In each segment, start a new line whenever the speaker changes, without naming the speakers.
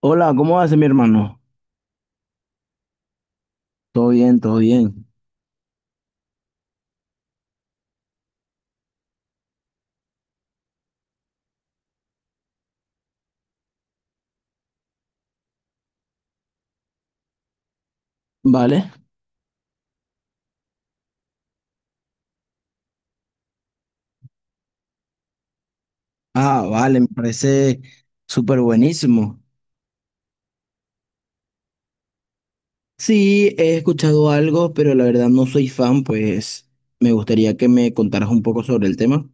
Hola, ¿cómo vas, mi hermano? Todo bien, todo bien. Vale. Ah, vale, me parece súper buenísimo. Sí, he escuchado algo, pero la verdad no soy fan, pues me gustaría que me contaras un poco sobre el tema.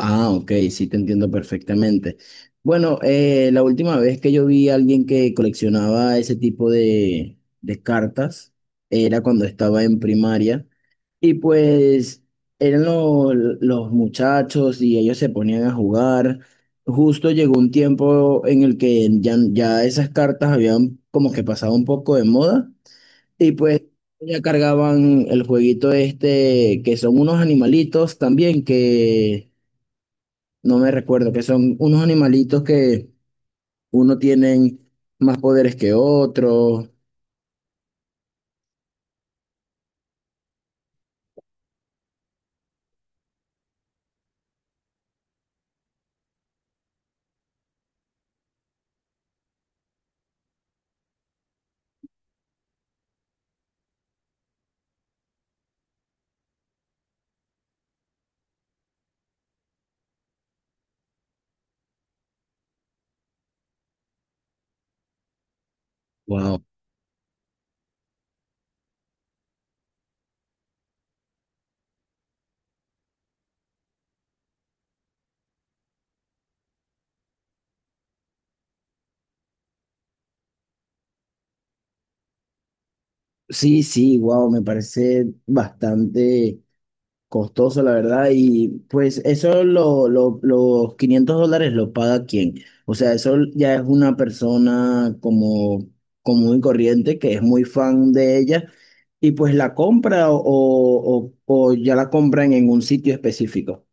Ah, ok, sí, te entiendo perfectamente. Bueno, la última vez que yo vi a alguien que coleccionaba ese tipo de cartas era cuando estaba en primaria. Y pues eran los muchachos y ellos se ponían a jugar. Justo llegó un tiempo en el que ya esas cartas habían como que pasado un poco de moda, y pues ya cargaban el jueguito este que son unos animalitos también que no me recuerdo, que son unos animalitos que uno tienen más poderes que otro. Wow. Sí, sí, wow, me parece bastante costoso, la verdad. Y pues eso, los $500, ¿lo paga quién? O sea, eso ya es una persona como común y corriente que es muy fan de ella, y pues la compra, o ya la compran en un sitio específico.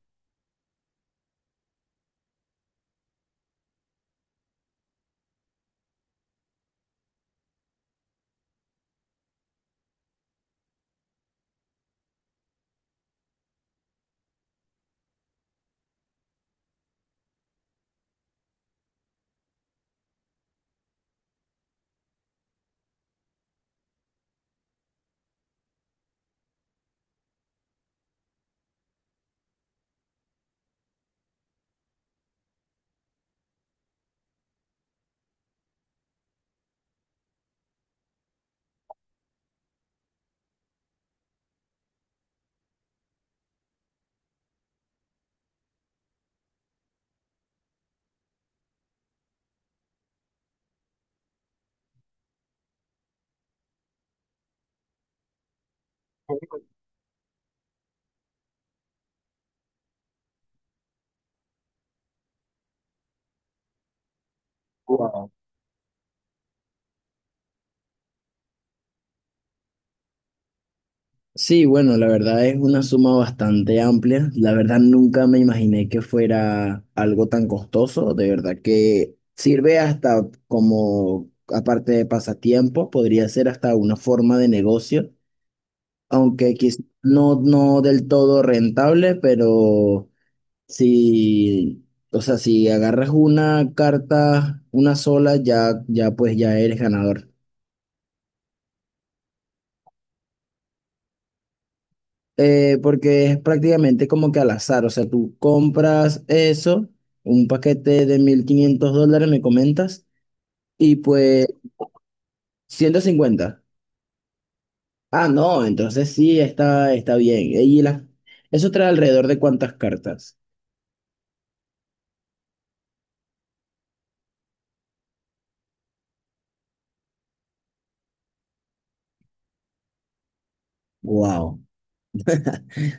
Sí, bueno, la verdad es una suma bastante amplia. La verdad nunca me imaginé que fuera algo tan costoso. De verdad que sirve hasta como, aparte de pasatiempo, podría ser hasta una forma de negocio, aunque quizás no, no del todo rentable, pero si, o sea, si agarras una carta, una sola, ya pues ya eres ganador. Porque es prácticamente como que al azar, o sea, tú compras eso, un paquete de $1,500, me comentas, y pues 150. Ah, no, entonces sí, está bien. Y, ¿eso trae alrededor de cuántas cartas? Wow.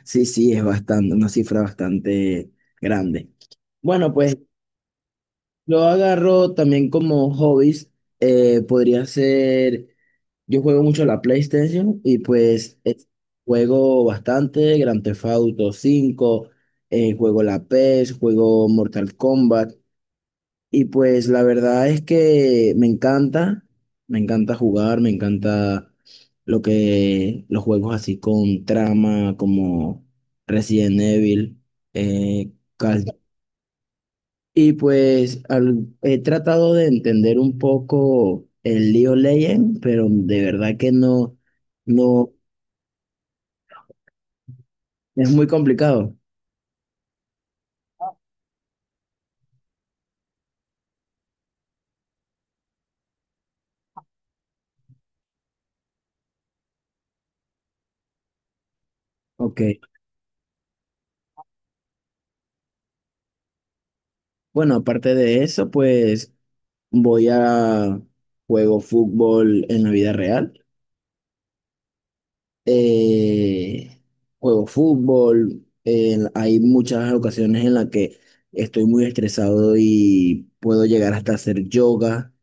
Sí, sí, es bastante, una cifra bastante grande. Bueno, pues yo agarro también como hobbies, podría ser. Yo juego mucho la PlayStation, y pues juego bastante Grand Theft Auto 5, juego la PES, juego Mortal Kombat, y pues la verdad es que me encanta jugar, me encanta lo que los juegos así con trama como Resident Evil, eh, Call of, y pues he tratado de entender un poco el League of Legends, pero de verdad que no, no, es muy complicado. Ok. Bueno, aparte de eso, pues voy a juego fútbol en la vida real. Eh, juego fútbol. Hay muchas ocasiones en las que estoy muy estresado y puedo llegar hasta hacer yoga.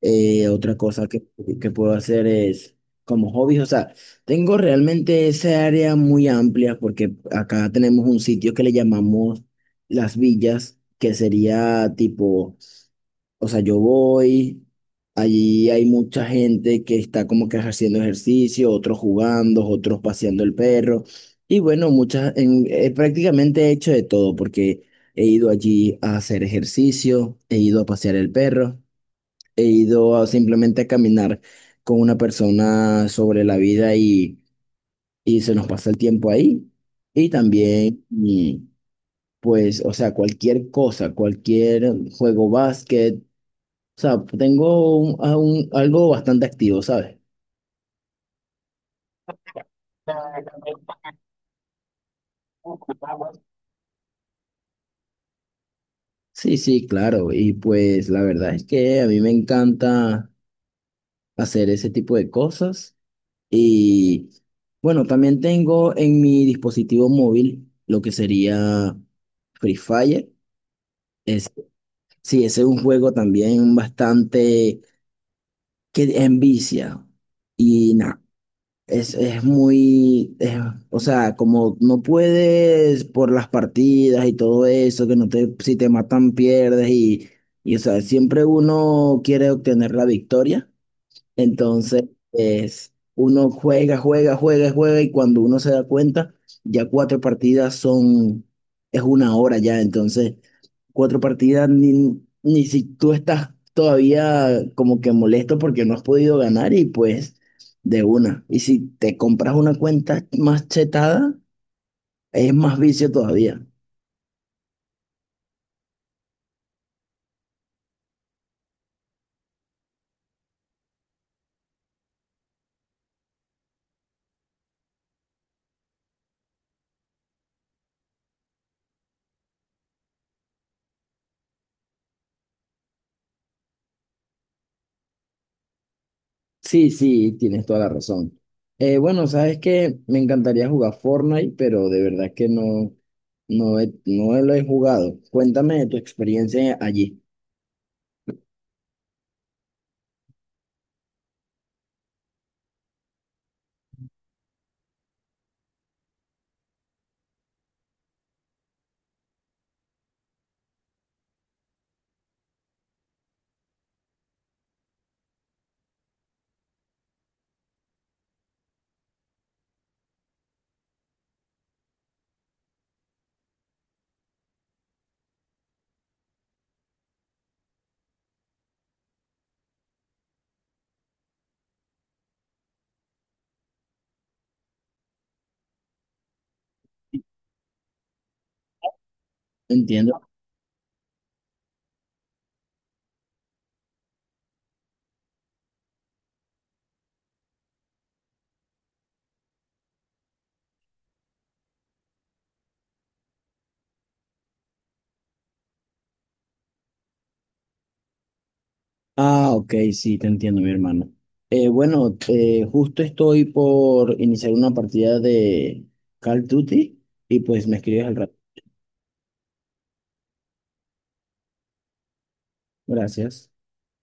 Otra cosa que puedo hacer es como hobbies, o sea, tengo realmente esa área muy amplia, porque acá tenemos un sitio que le llamamos Las Villas, que sería tipo, o sea, yo voy, allí hay mucha gente que está como que haciendo ejercicio, otros jugando, otros paseando el perro, y bueno, muchas, prácticamente he hecho de todo porque he ido allí a hacer ejercicio, he ido a pasear el perro. He ido a simplemente a caminar con una persona sobre la vida, y se nos pasa el tiempo ahí. Y también, y, pues, o sea, cualquier cosa, cualquier juego, básquet, o sea, tengo algo bastante activo, ¿sabes? Sí, sí, claro. Y pues la verdad es que a mí me encanta hacer ese tipo de cosas. Y bueno, también tengo en mi dispositivo móvil lo que sería Free Fire. Sí, ese es un juego también bastante que envicia. Y nada, es, es muy, es- o sea, como no puedes por las partidas y todo eso, que no te, si te matan pierdes, y o sea, siempre uno quiere obtener la victoria. Entonces, uno juega, juega, juega, juega, y cuando uno se da cuenta, ya cuatro partidas son, es una hora ya, entonces cuatro partidas, ni si tú estás todavía como que molesto porque no has podido ganar, y pues de una. Y si te compras una cuenta más chetada, es más vicio todavía. Sí, sí, tienes toda la razón. Bueno, sabes que me encantaría jugar Fortnite, pero de verdad que no, no, no lo he jugado. Cuéntame de tu experiencia allí. Entiendo. Ah, ok, sí, te entiendo, mi hermano. Bueno, justo estoy por iniciar una partida de Call of Duty, y pues me escribes al rato. Gracias.